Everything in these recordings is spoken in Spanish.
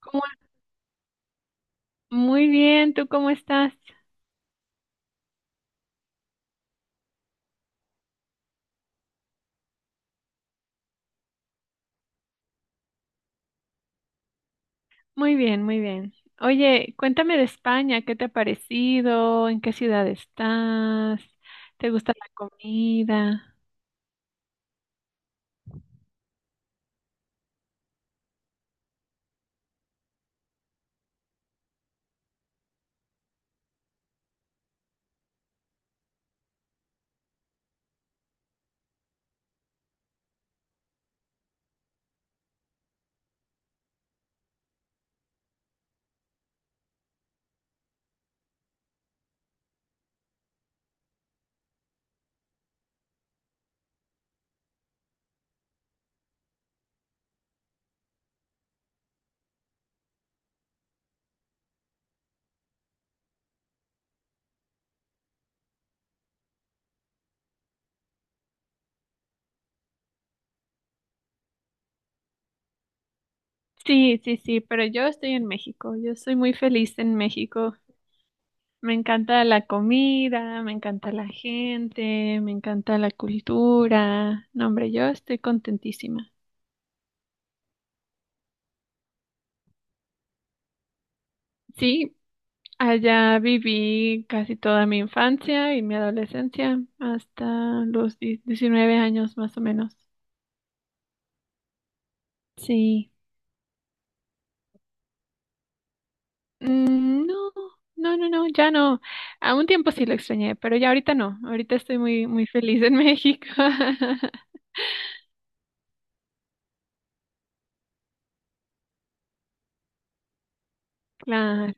¿Cómo- Muy bien, ¿tú cómo estás? Muy bien, muy bien. Oye, cuéntame de España, ¿qué te ha parecido? ¿En qué ciudad estás? ¿Te gusta la comida? Sí, sí, sí, pero yo estoy en México, yo soy muy feliz en México. Me encanta la comida, me encanta la gente, me encanta la cultura. No, hombre, yo estoy contentísima. Sí. Allá viví casi toda mi infancia y mi adolescencia, hasta los 19 años más o menos. Sí. Mm, no, no, no, no, ya no. A un tiempo sí lo extrañé, pero ya ahorita no. Ahorita estoy muy, muy feliz en México. Claro,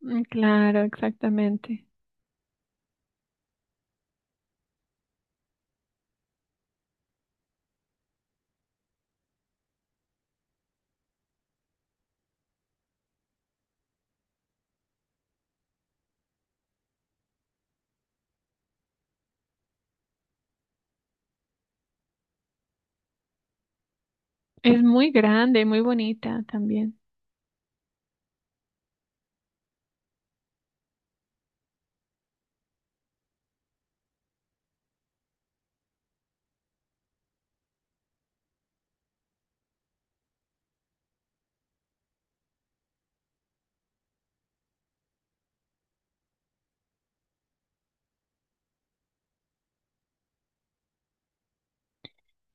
mm, claro, exactamente. Es muy grande, muy bonita también.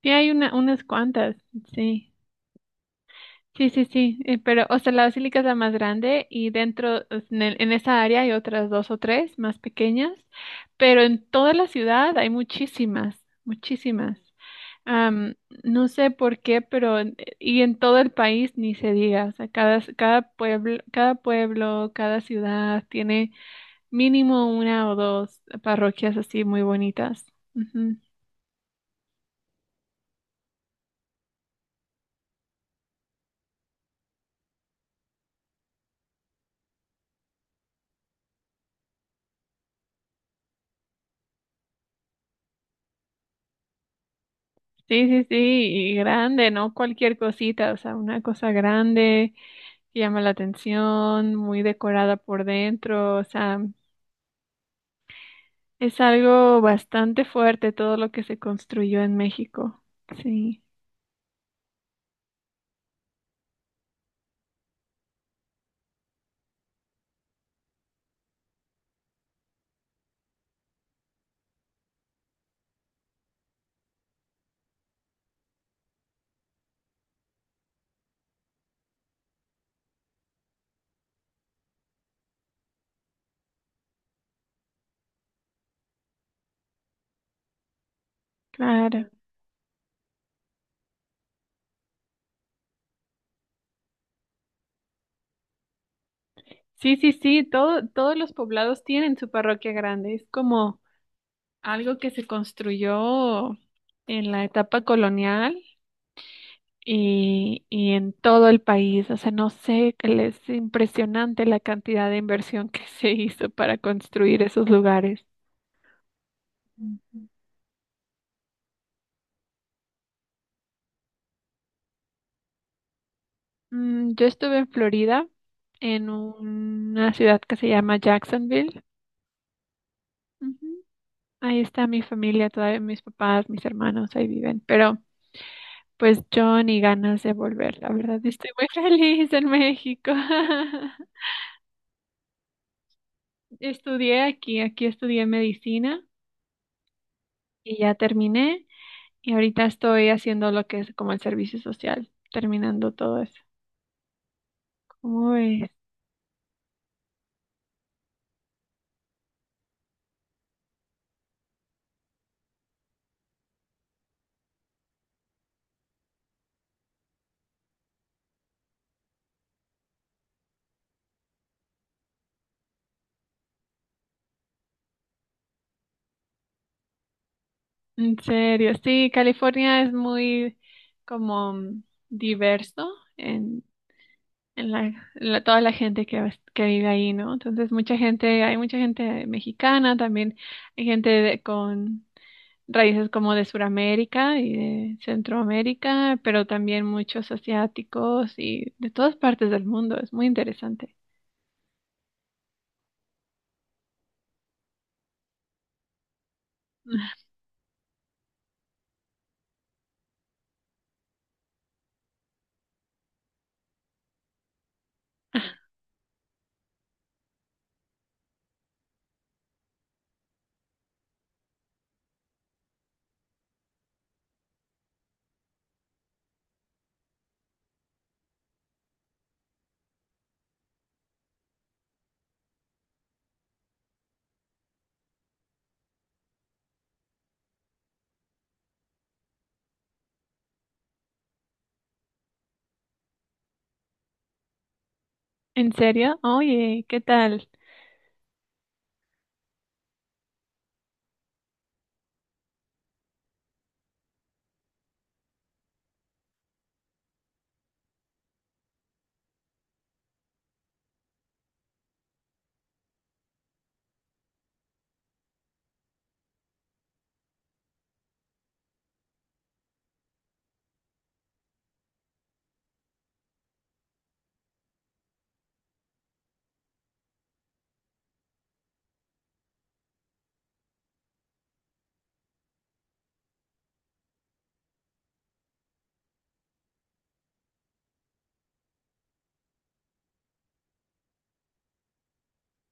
Sí, hay una, unas cuantas, sí. Sí, sí, sí, pero, o sea, la basílica es la más grande y dentro, en esa área hay otras dos o tres más pequeñas, pero en toda la ciudad hay muchísimas, muchísimas. Am, no sé por qué, pero, y en todo el país ni se diga, o sea, cada pueblo, cada pueblo, cada ciudad tiene mínimo una o dos parroquias así muy bonitas. Sí, sí, sí, y grande, no cualquier cosita, o sea, una cosa grande que llama la atención, muy decorada por dentro, o sea, es algo bastante fuerte todo lo que se construyó en México. Sí, claro. Sí, sí, sí, todos los poblados tienen su parroquia grande, es como algo que se construyó en la etapa colonial y en todo el país. O sea, no sé, es impresionante la cantidad de inversión que se hizo para construir esos lugares. Ujú. Yo estuve en Florida, en una ciudad que se llama Jacksonville. Ujú. Ahí está mi familia, todavía mis papás, mis hermanos, ahí viven. Pero pues yo ni ganas de volver, la verdad, estoy muy feliz en México. Estudié aquí, aquí estudié medicina y ya terminé. Y ahorita estoy haciendo lo que es como el servicio social, terminando todo eso. Uy, en serio, sí, California es muy como diverso en, en la, en toda la gente que vive ahí, ¿no? Entonces, mucha gente, hay mucha gente mexicana, también hay gente con raíces como de Sudamérica y de Centroamérica, pero también muchos asiáticos y de todas partes del mundo, es muy interesante. ¿En serio? Oye, ¿qué tal?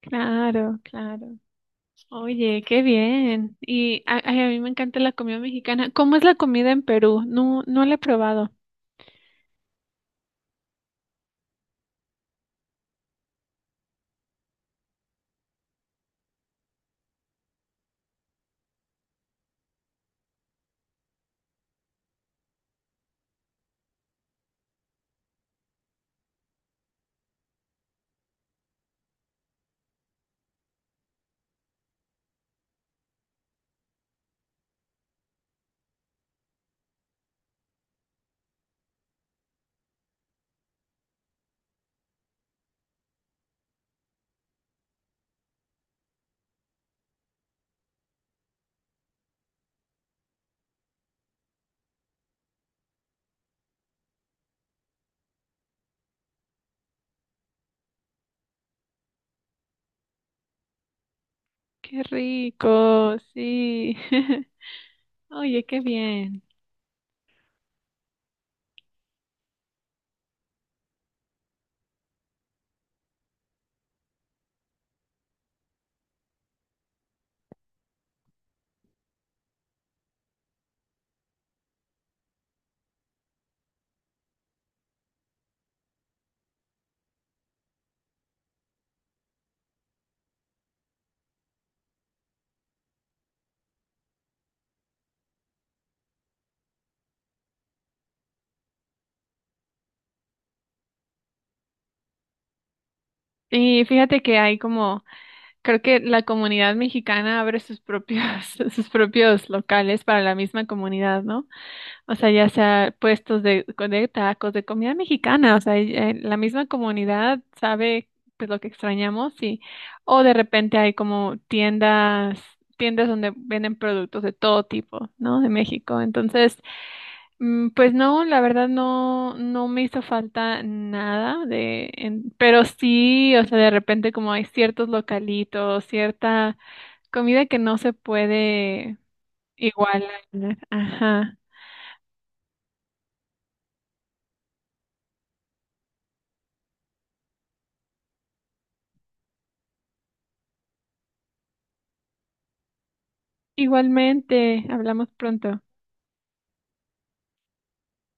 Claro, claro. Oye, qué bien. Y ay, a mí me encanta la comida mexicana. ¿Cómo es la comida en Perú? No, no la he probado. Qué rico, sí. Oye, qué bien. Y fíjate que hay, como Creo que la comunidad mexicana abre sus propios, sus propios locales para la misma comunidad, ¿no? O sea, ya sea puestos de tacos, de comida mexicana, o sea, y, la misma comunidad sabe pues lo que extrañamos y o de repente hay como tiendas, tiendas donde venden productos de todo tipo, ¿no? De México. Entonces, pues no, la verdad no, no me hizo falta nada pero sí, o sea, de repente como hay ciertos localitos, cierta comida que no se puede igualar. Ajá. Igualmente, hablamos pronto.